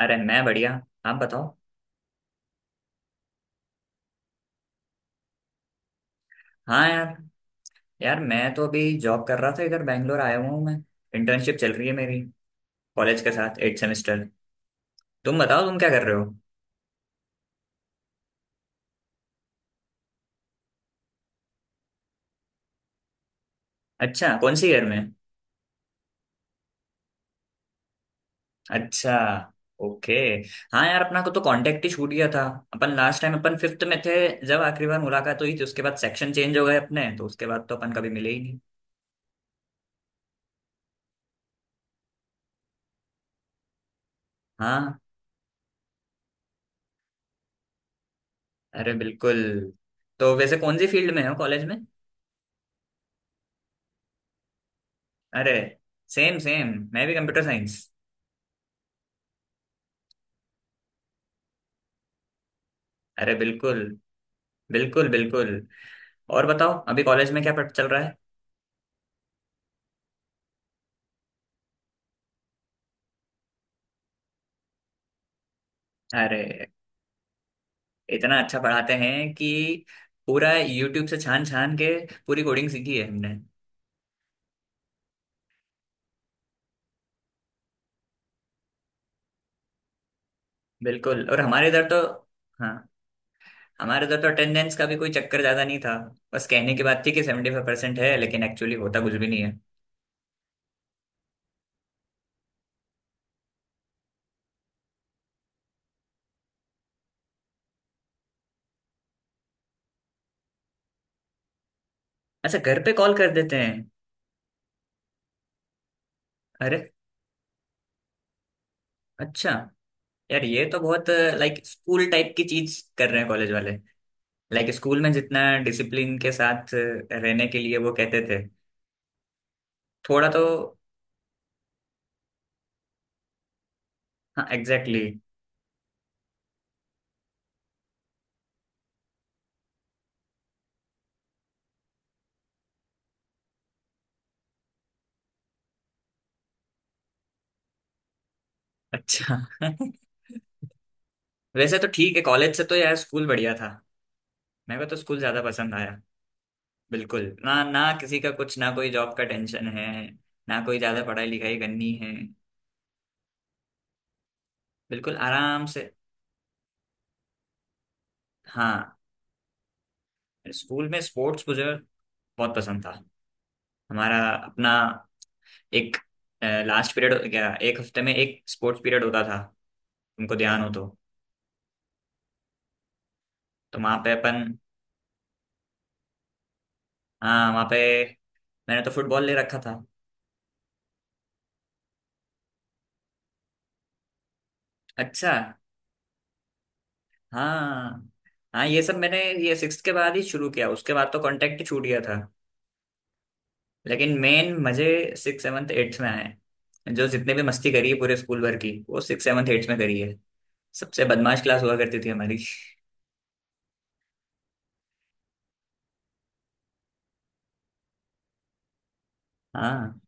अरे मैं बढ़िया। आप बताओ। हाँ यार यार, मैं तो अभी जॉब कर रहा था। इधर बैंगलोर आया हुआ हूँ मैं इंटर्नशिप चल रही है मेरी, कॉलेज के साथ 8 सेमेस्टर। तुम बताओ, तुम क्या कर रहे हो। अच्छा, कौन सी ईयर में। अच्छा। ओके। हाँ यार, अपना को तो कांटेक्ट ही छूट गया था। अपन लास्ट टाइम अपन फिफ्थ में थे, जब आखिरी बार मुलाकात हुई थी। उसके बाद सेक्शन चेंज हो गए अपने, तो उसके बाद तो अपन कभी मिले ही नहीं। हाँ, अरे बिल्कुल। तो वैसे कौन सी फील्ड में हो कॉलेज में। अरे, सेम सेम, मैं भी कंप्यूटर साइंस। अरे बिल्कुल, बिल्कुल बिल्कुल। और बताओ, अभी कॉलेज में क्या पढ़ चल रहा है। अरे, इतना अच्छा पढ़ाते हैं कि पूरा यूट्यूब से छान छान के पूरी कोडिंग सीखी है हमने। बिल्कुल। और हमारे इधर तो, हाँ, हमारे इधर तो अटेंडेंस का भी कोई चक्कर ज्यादा नहीं था। बस कहने की बात थी कि 75% है, लेकिन एक्चुअली होता कुछ भी नहीं है। अच्छा, घर पे कॉल कर देते हैं। अरे। अच्छा। यार ये तो बहुत लाइक स्कूल टाइप की चीज कर रहे हैं कॉलेज वाले। लाइक स्कूल में जितना डिसिप्लिन के साथ रहने के लिए वो कहते थे। थोड़ा तो। हाँ, एग्जैक्टली exactly। अच्छा वैसे तो ठीक है, कॉलेज से तो यार स्कूल बढ़िया था। मेरे को तो स्कूल ज्यादा पसंद आया। बिल्कुल, ना ना, किसी का कुछ ना कोई जॉब का टेंशन है, ना कोई ज्यादा पढ़ाई लिखाई करनी है। बिल्कुल आराम से। हाँ, स्कूल में स्पोर्ट्स मुझे बहुत पसंद था। हमारा अपना एक लास्ट पीरियड, क्या, एक हफ्ते में एक स्पोर्ट्स पीरियड होता था, तुमको ध्यान हो तो। तो वहाँ पे अपन हाँ, वहाँ पे मैंने तो फुटबॉल ले रखा था। अच्छा। हाँ हाँ, ये सब मैंने, ये सिक्स के बाद ही शुरू किया। उसके बाद तो कांटेक्ट छूट गया था। लेकिन मेन मजे सिक्स सेवन्थ एट्थ में आए। जो जितने भी मस्ती करी है पूरे स्कूल भर की, वो सिक्स सेवन्थ एट्थ में करी है। सबसे बदमाश क्लास हुआ करती थी हमारी। हाँ।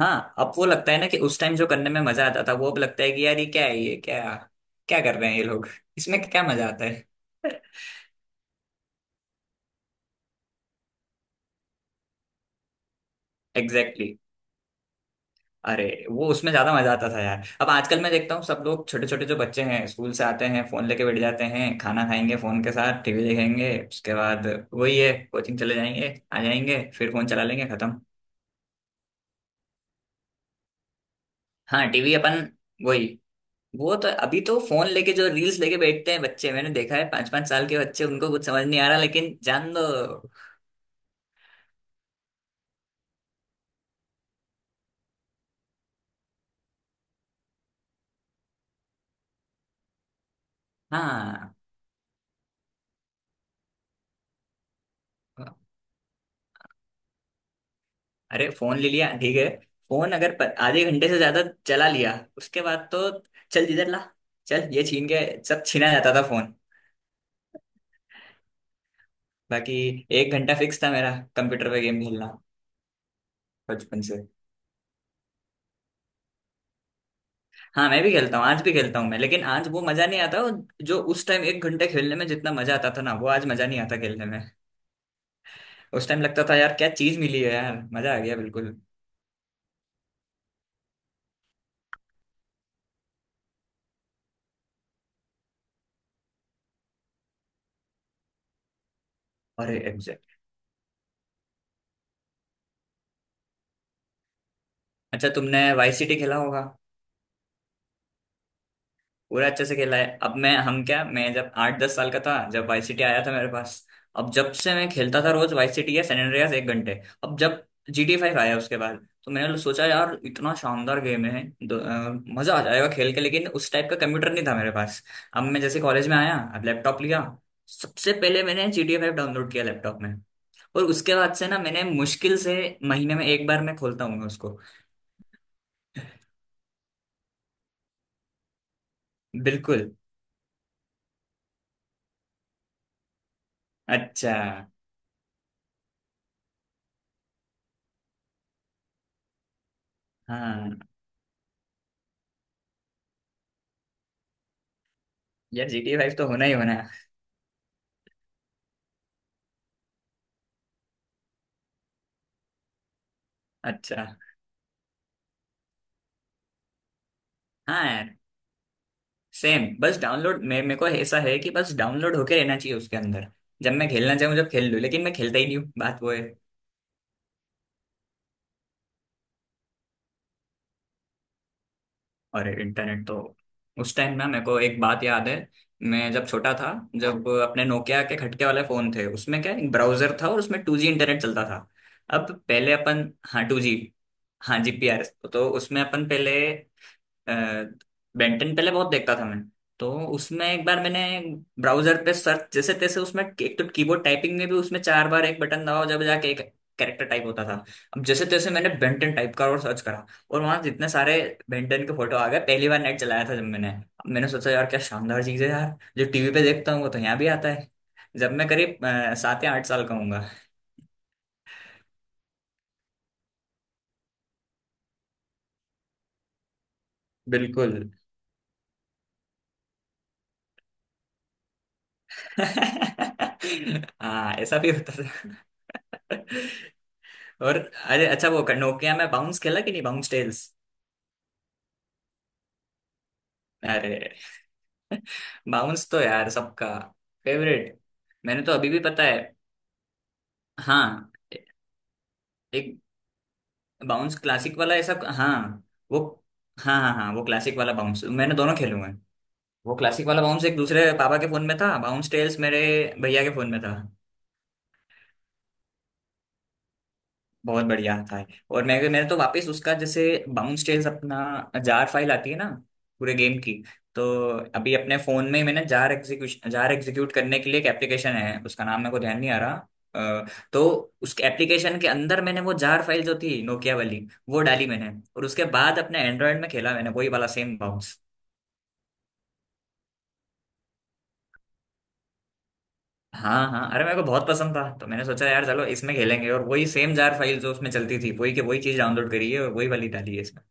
हाँ, अब वो लगता है ना कि उस टाइम जो करने में मजा आता था, वो अब लगता है कि यार ये क्या है, ये क्या क्या कर रहे हैं ये लोग, इसमें क्या मजा आता है। एग्जैक्टली। अरे, वो उसमें ज्यादा मजा आता था यार। अब आजकल मैं देखता हूँ सब लोग, छोटे छोटे जो बच्चे हैं स्कूल से आते हैं, फोन लेके बैठ जाते हैं, खाना खाएंगे फोन के साथ, टीवी देखेंगे, उसके बाद वही है, कोचिंग चले जाएंगे, आ जाएंगे फिर फोन चला लेंगे, खत्म। हाँ, टीवी अपन, वही, वो तो अभी तो फोन लेके जो रील्स लेके बैठते हैं बच्चे, मैंने देखा है 5 5 साल के बच्चे, उनको कुछ समझ नहीं आ रहा लेकिन जान दो। हाँ। अरे, फोन ले लिया ठीक है, फोन अगर आधे घंटे से ज्यादा चला लिया, उसके बाद तो चल जिधर ला, चल ये छीन के। सब छीना जाता था फोन। बाकी 1 घंटा फिक्स था मेरा कंप्यूटर पे गेम खेलना, बचपन से। हाँ, मैं भी खेलता हूँ, आज भी खेलता हूँ मैं, लेकिन आज वो मजा नहीं आता। जो उस टाइम एक घंटे खेलने में जितना मजा आता था ना, वो आज मजा नहीं आता खेलने में। उस टाइम लगता था यार क्या चीज मिली है, यार मजा आ गया बिल्कुल। अरे एग्जैक्ट। अच्छा, तुमने वाई सिटी खेला होगा। पूरा अच्छे से खेला है। अब मैं हम क्या मैं जब 8-10 साल का था जब वाई सिटी आया था मेरे पास। अब जब से मैं खेलता था रोज, वाई सिटी या सैन एंड्रियास, 1 घंटे। अब जब GT 5 आया, उसके बाद तो मैंने सोचा यार इतना शानदार गेम है, मजा आ जाएगा खेल के, लेकिन उस टाइप का कंप्यूटर नहीं था मेरे पास। अब मैं जैसे कॉलेज में आया, अब लैपटॉप लिया, सबसे पहले मैंने GT 5 डाउनलोड किया लैपटॉप में। और उसके बाद से ना मैंने मुश्किल से महीने में 1 बार मैं खोलता हूँ उसको। बिल्कुल। अच्छा। हाँ यार, GT 5 तो होना ही होना है। अच्छा। हाँ यार, सेम। बस डाउनलोड मे मेरे को ऐसा है कि बस डाउनलोड होके रहना चाहिए उसके अंदर। जब मैं खेलना चाहूँ जब खेल लूँ, लेकिन मैं खेलता ही नहीं हूँ, बात वो है। और इंटरनेट तो, उस टाइम ना मेरे को एक बात याद है, मैं जब छोटा था, जब अपने नोकिया के खटके वाले फोन थे, उसमें क्या, एक ब्राउजर था और उसमें 2G इंटरनेट चलता था। अब पहले अपन हाँ 2G, हाँ जी पी आर तो उसमें अपन पहले बेंटन, पहले बहुत देखता था मैं। तो उसमें 1 बार मैंने ब्राउजर पे सर्च, जैसे तैसे, उसमें एक तो कीबोर्ड टाइपिंग में भी उसमें 4 बार एक बटन दबाओ जब जाके एक कैरेक्टर टाइप होता था। अब जैसे तैसे मैंने बेंटन टाइप करा और सर्च करा, और वहां जितने सारे बेंटन के फोटो आ गए। पहली बार नेट चलाया था जब मैंने, अब मैंने सोचा यार क्या शानदार चीज है, यार जो टीवी पे देखता हूँ वो तो यहाँ भी आता है। जब मैं करीब 7 या 8 साल का हूंगा। बिल्कुल। हाँ ऐसा भी होता था। और अरे अच्छा, वो नोकिया में बाउंस खेला कि नहीं, बाउंस टेल्स। अरे। बाउंस तो यार सबका फेवरेट। मैंने तो अभी भी पता है। हाँ ए- एक बाउंस क्लासिक वाला, ऐसा, हाँ। वो, हाँ हाँ हाँ, वो क्लासिक वाला बाउंस मैंने दोनों खेले हुए हैं। वो क्लासिक वाला बाउंस एक दूसरे पापा के फोन में था, बाउंस टेल्स मेरे भैया के फोन में था। बहुत बढ़िया था। और मैंने तो वापस उसका, जैसे बाउंस टेल्स, अपना जार फाइल आती है ना पूरे गेम की। तो अभी अपने फोन में ही मैंने, जार एग्जीक्यूशन, जार एग्जीक्यूट करने के लिए एक एप्लीकेशन है, उसका नाम मेरे को ध्यान नहीं आ रहा। अ, तो उस एप्लीकेशन के अंदर मैंने वो जार फाइल जो थी नोकिया वाली, वो डाली मैंने, और उसके बाद अपने एंड्रॉयड में खेला मैंने वही वाला सेम बाउंस। हाँ हाँ, अरे मेरे को बहुत पसंद था तो मैंने सोचा यार चलो इसमें खेलेंगे, और वही सेम जार फाइल जो उसमें चलती थी वही के वही चीज डाउनलोड करी है और वही वाली डाली है इसमें।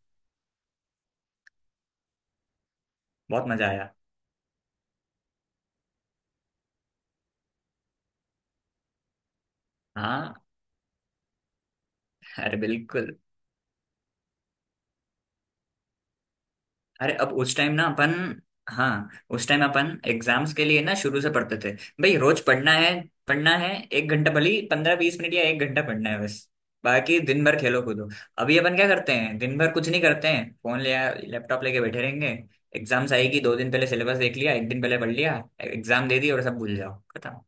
बहुत मजा आया। हाँ। अरे बिल्कुल। अरे, अब उस टाइम ना अपन, हाँ, उस टाइम अपन एग्जाम्स के लिए ना शुरू से पढ़ते थे, भाई रोज पढ़ना है। पढ़ना है 1 घंटा, भले ही 15-20 मिनट या 1 घंटा पढ़ना है बस, बाकी दिन भर खेलो कूदो। अभी अपन क्या करते हैं, दिन भर कुछ नहीं करते हैं, फोन लिया लैपटॉप लेके बैठे रहेंगे, एग्जाम्स आएगी, 2 दिन पहले सिलेबस देख लिया, 1 दिन पहले पढ़ लिया, एग्जाम दे दी और सब भूल जाओ, खत्म।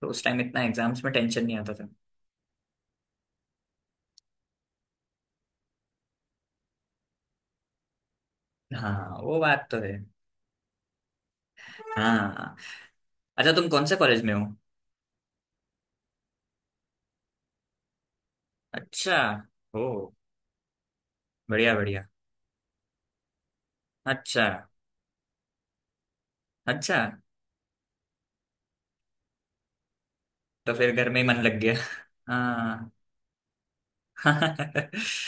तो उस टाइम इतना एग्जाम्स में टेंशन नहीं आता था। हाँ वो बात तो है। हाँ। अच्छा, तुम कौन से कॉलेज में हो। अच्छा। ओ, बढ़िया बढ़िया। अच्छा। अच्छा। तो फिर घर में ही मन लग गया। हाँ।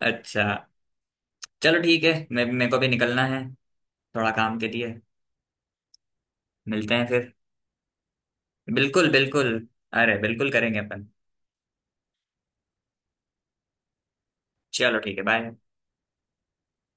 अच्छा, चलो ठीक है, मैं मेरे को भी निकलना है थोड़ा काम के लिए। मिलते हैं फिर। बिल्कुल बिल्कुल। अरे बिल्कुल करेंगे अपन। चलो ठीक है, बाय।